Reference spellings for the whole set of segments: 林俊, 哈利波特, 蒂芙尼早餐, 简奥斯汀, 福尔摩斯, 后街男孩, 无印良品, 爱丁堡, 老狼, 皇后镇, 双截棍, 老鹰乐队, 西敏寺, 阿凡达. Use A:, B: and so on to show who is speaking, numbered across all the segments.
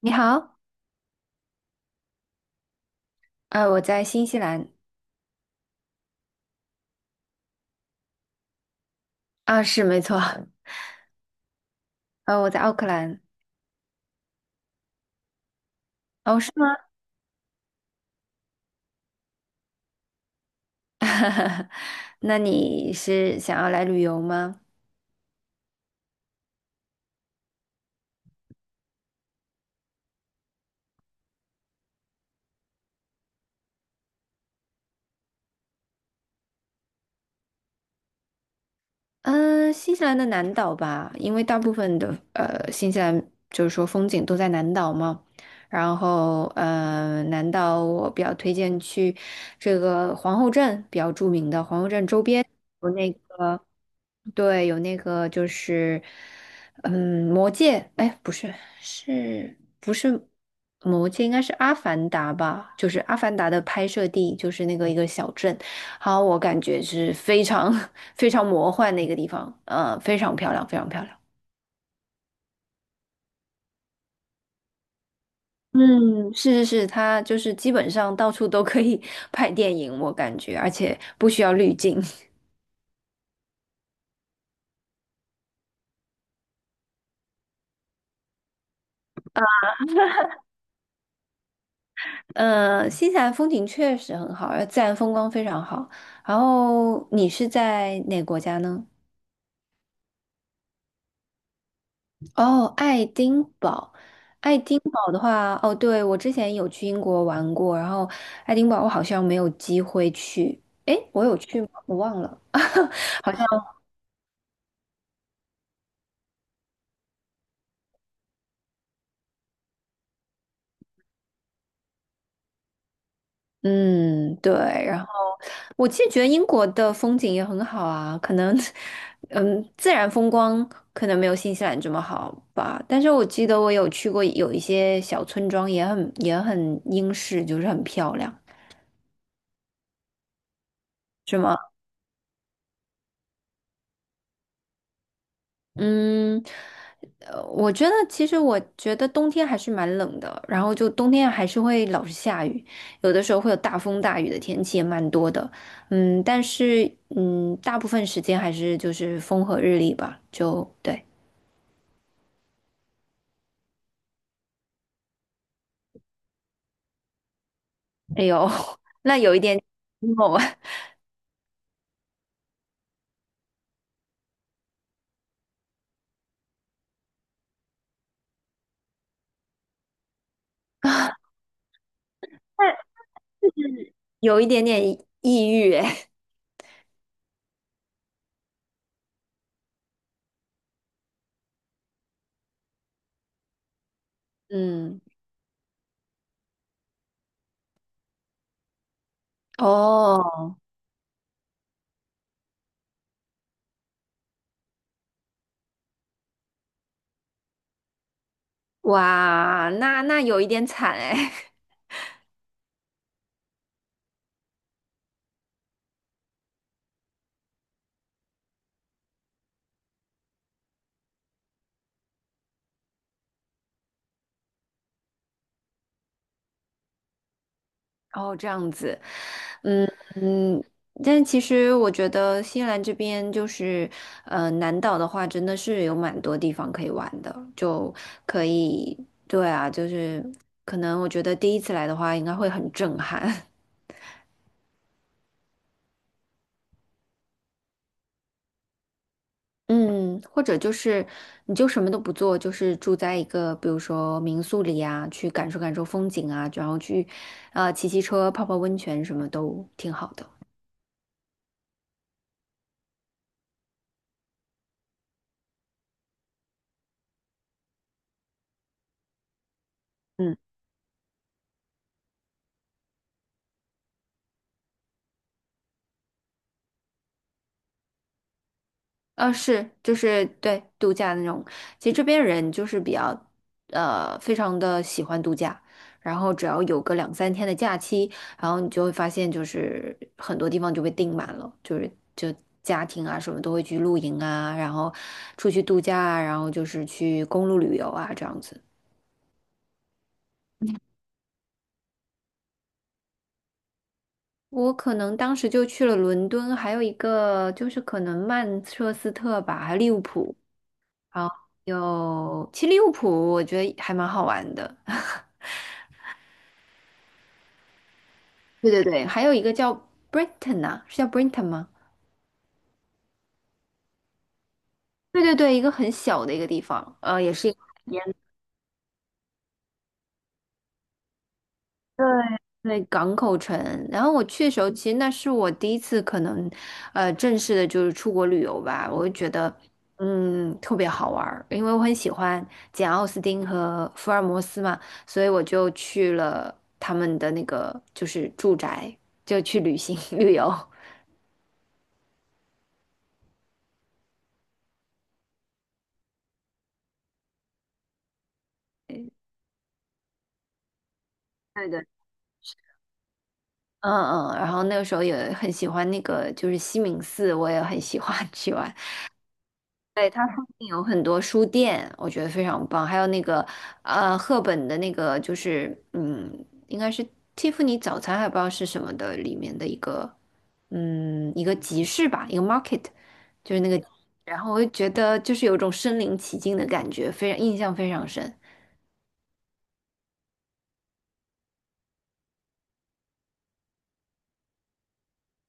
A: 你好，我在新西兰。啊，是没错。我在奥克兰。哦，是吗？那你是想要来旅游吗？嗯，新西兰的南岛吧，因为大部分的新西兰就是说风景都在南岛嘛，然后南岛我比较推荐去这个皇后镇，比较著名的皇后镇周边有那个，对，有那个就是魔界，哎不是，是不是魔界？应该是阿凡达吧，就是阿凡达的拍摄地就是那个一个小镇。好，我感觉是非常 非常魔幻的一个地方，非常漂亮，非常漂亮。嗯，是是是，它就是基本上到处都可以 拍电影，我感觉，而且不需要滤镜。新西兰风景确实很好，而自然风光非常好。然后你是在哪个国家呢？哦，爱丁堡，爱丁堡的话，哦，对，我之前有去英国玩过，然后爱丁堡我好像没有机会去，诶，我有去吗？我忘了，好像，嗯，对，然后我其实觉得英国的风景也很好啊，可能，嗯，自然风光可能没有新西兰这么好吧，但是我记得我有去过有一些小村庄，也很也很英式，就是很漂亮。是吗？嗯，我觉得其实我觉得冬天还是蛮冷的，然后就冬天还是会老是下雨，有的时候会有大风大雨的天气也蛮多的，嗯，但是大部分时间还是就是风和日丽吧，就对，哎呦，那有一点，emo 哦，有一点点抑郁，哎，嗯，哦，哇，那有一点惨哎。哦，这样子，嗯嗯，但其实我觉得新西兰这边就是，南岛的话真的是有蛮多地方可以玩的，就可以，对啊，就是可能我觉得第一次来的话应该会很震撼，嗯，或者就是你就什么都不做，就是住在一个比如说民宿里啊，去感受感受风景啊，然后去，骑骑车、泡泡温泉什么都挺好的。嗯。啊，是，就是对度假那种。其实这边人就是比较，非常的喜欢度假。然后只要有个两三天的假期，然后你就会发现，就是很多地方就被订满了，就是家庭啊什么都会去露营啊，然后出去度假啊，然后就是去公路旅游啊这样子。我可能当时就去了伦敦，还有一个就是可能曼彻斯特吧，还有利物浦。好，有，其实利物浦我觉得还蛮好玩的。对对对，还有一个叫 Brighton 啊，是叫 Brighton 吗？对对对，一个很小的一个地方，也是一个海边，对对，港口城。然后我去的时候，其实那是我第一次可能，正式的就是出国旅游吧，我就觉得，嗯，特别好玩儿，因为我很喜欢简奥斯汀和福尔摩斯嘛，所以我就去了他们的那个就是住宅，就去旅行 旅游。对的，嗯嗯，然后那个时候也很喜欢那个，就是西敏寺，我也很喜欢 去玩。对，它附近有很多书店，我觉得非常棒。还有那个，赫本的那个，就是嗯，应该是蒂芙尼早餐，还不知道是什么的里面的一个，嗯，一个集市吧，一个 market，就是那个。然后我就觉得就是有一种身临其境的感觉，非常印象非常深。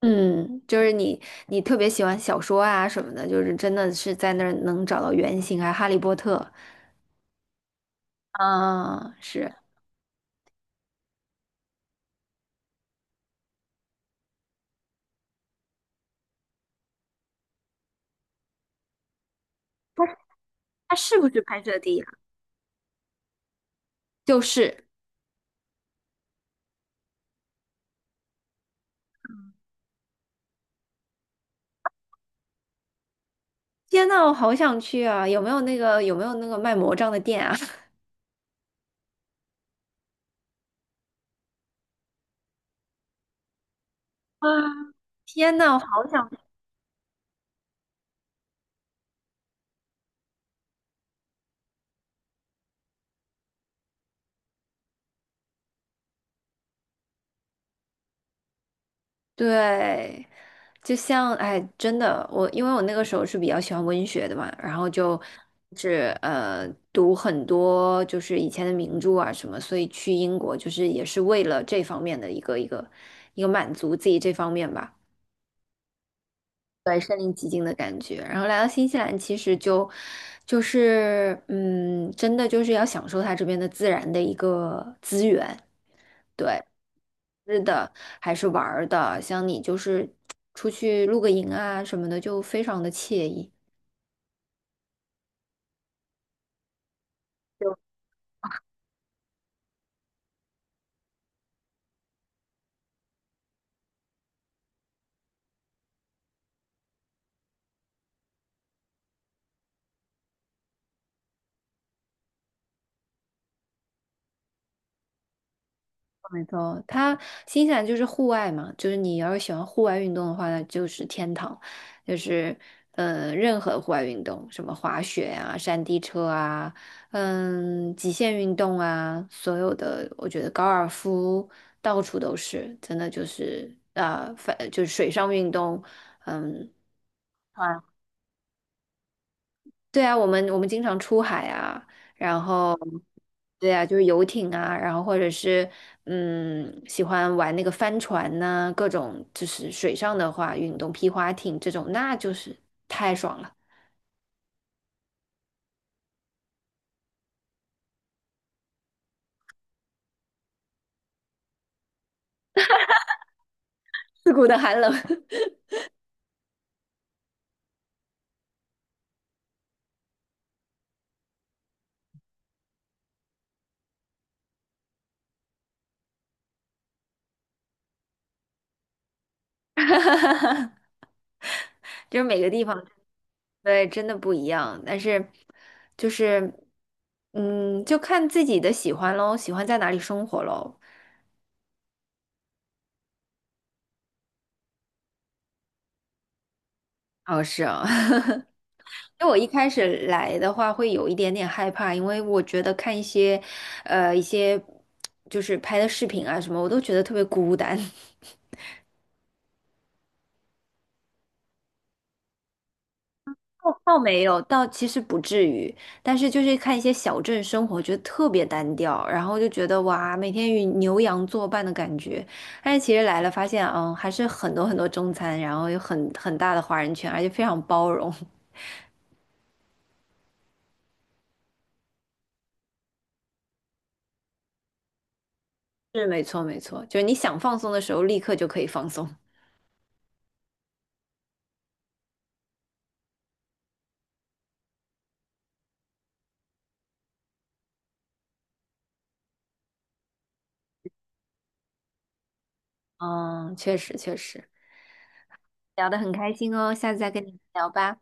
A: 嗯，就是你，你特别喜欢小说啊什么的，就是真的是在那儿能找到原型啊，《哈利波特》啊，是，它它是不是拍摄地呀、就是，天呐，我好想去啊！有没有那个有没有那个卖魔杖的店啊？天呐，我好想对，就像哎，真的，我因为我那个时候是比较喜欢文学的嘛，然后就是读很多就是以前的名著啊什么，所以去英国就是也是为了这方面的一个满足自己这方面吧感觉。然后来到新西兰，其实就就是真的就是要享受它这边的自然的一个资源，对。吃的还是玩儿的，像你就是出去露个营啊什么的，就非常的惬意。没错，它新西兰就是户外嘛，就是你要是喜欢户外运动的话，那就是天堂，就是任何户外运动，什么滑雪啊、山地车啊，嗯，极限运动啊，所有的，我觉得高尔夫到处都是，真的就是就是水上运动。嗯啊。对啊，我们经常出海啊，然后对啊，就是游艇啊，然后或者是嗯，喜欢玩那个帆船呐、各种就是水上的话，运动皮划艇这种，那就是太爽了。刺骨的寒冷，就是每个地方对真的不一样，但是就是就看自己的喜欢喽，喜欢在哪里生活喽。哦，是啊。因为我一开始来的话会有一点点害怕，因为我觉得看一些，一些就是拍的视频啊什么，我都觉得特别孤单。倒没有，倒其实不至于，但是就是看一些小镇生活，觉得特别单调，然后就觉得哇，每天与牛羊作伴的感觉。但是其实来了，发现嗯，还是很多很多中餐，然后有很大的华人圈，而且非常包容。是，没错，没错，就是你想放松的时候，立刻就可以放松。嗯，确实，确实。聊得很开心哦，下次再跟你聊吧，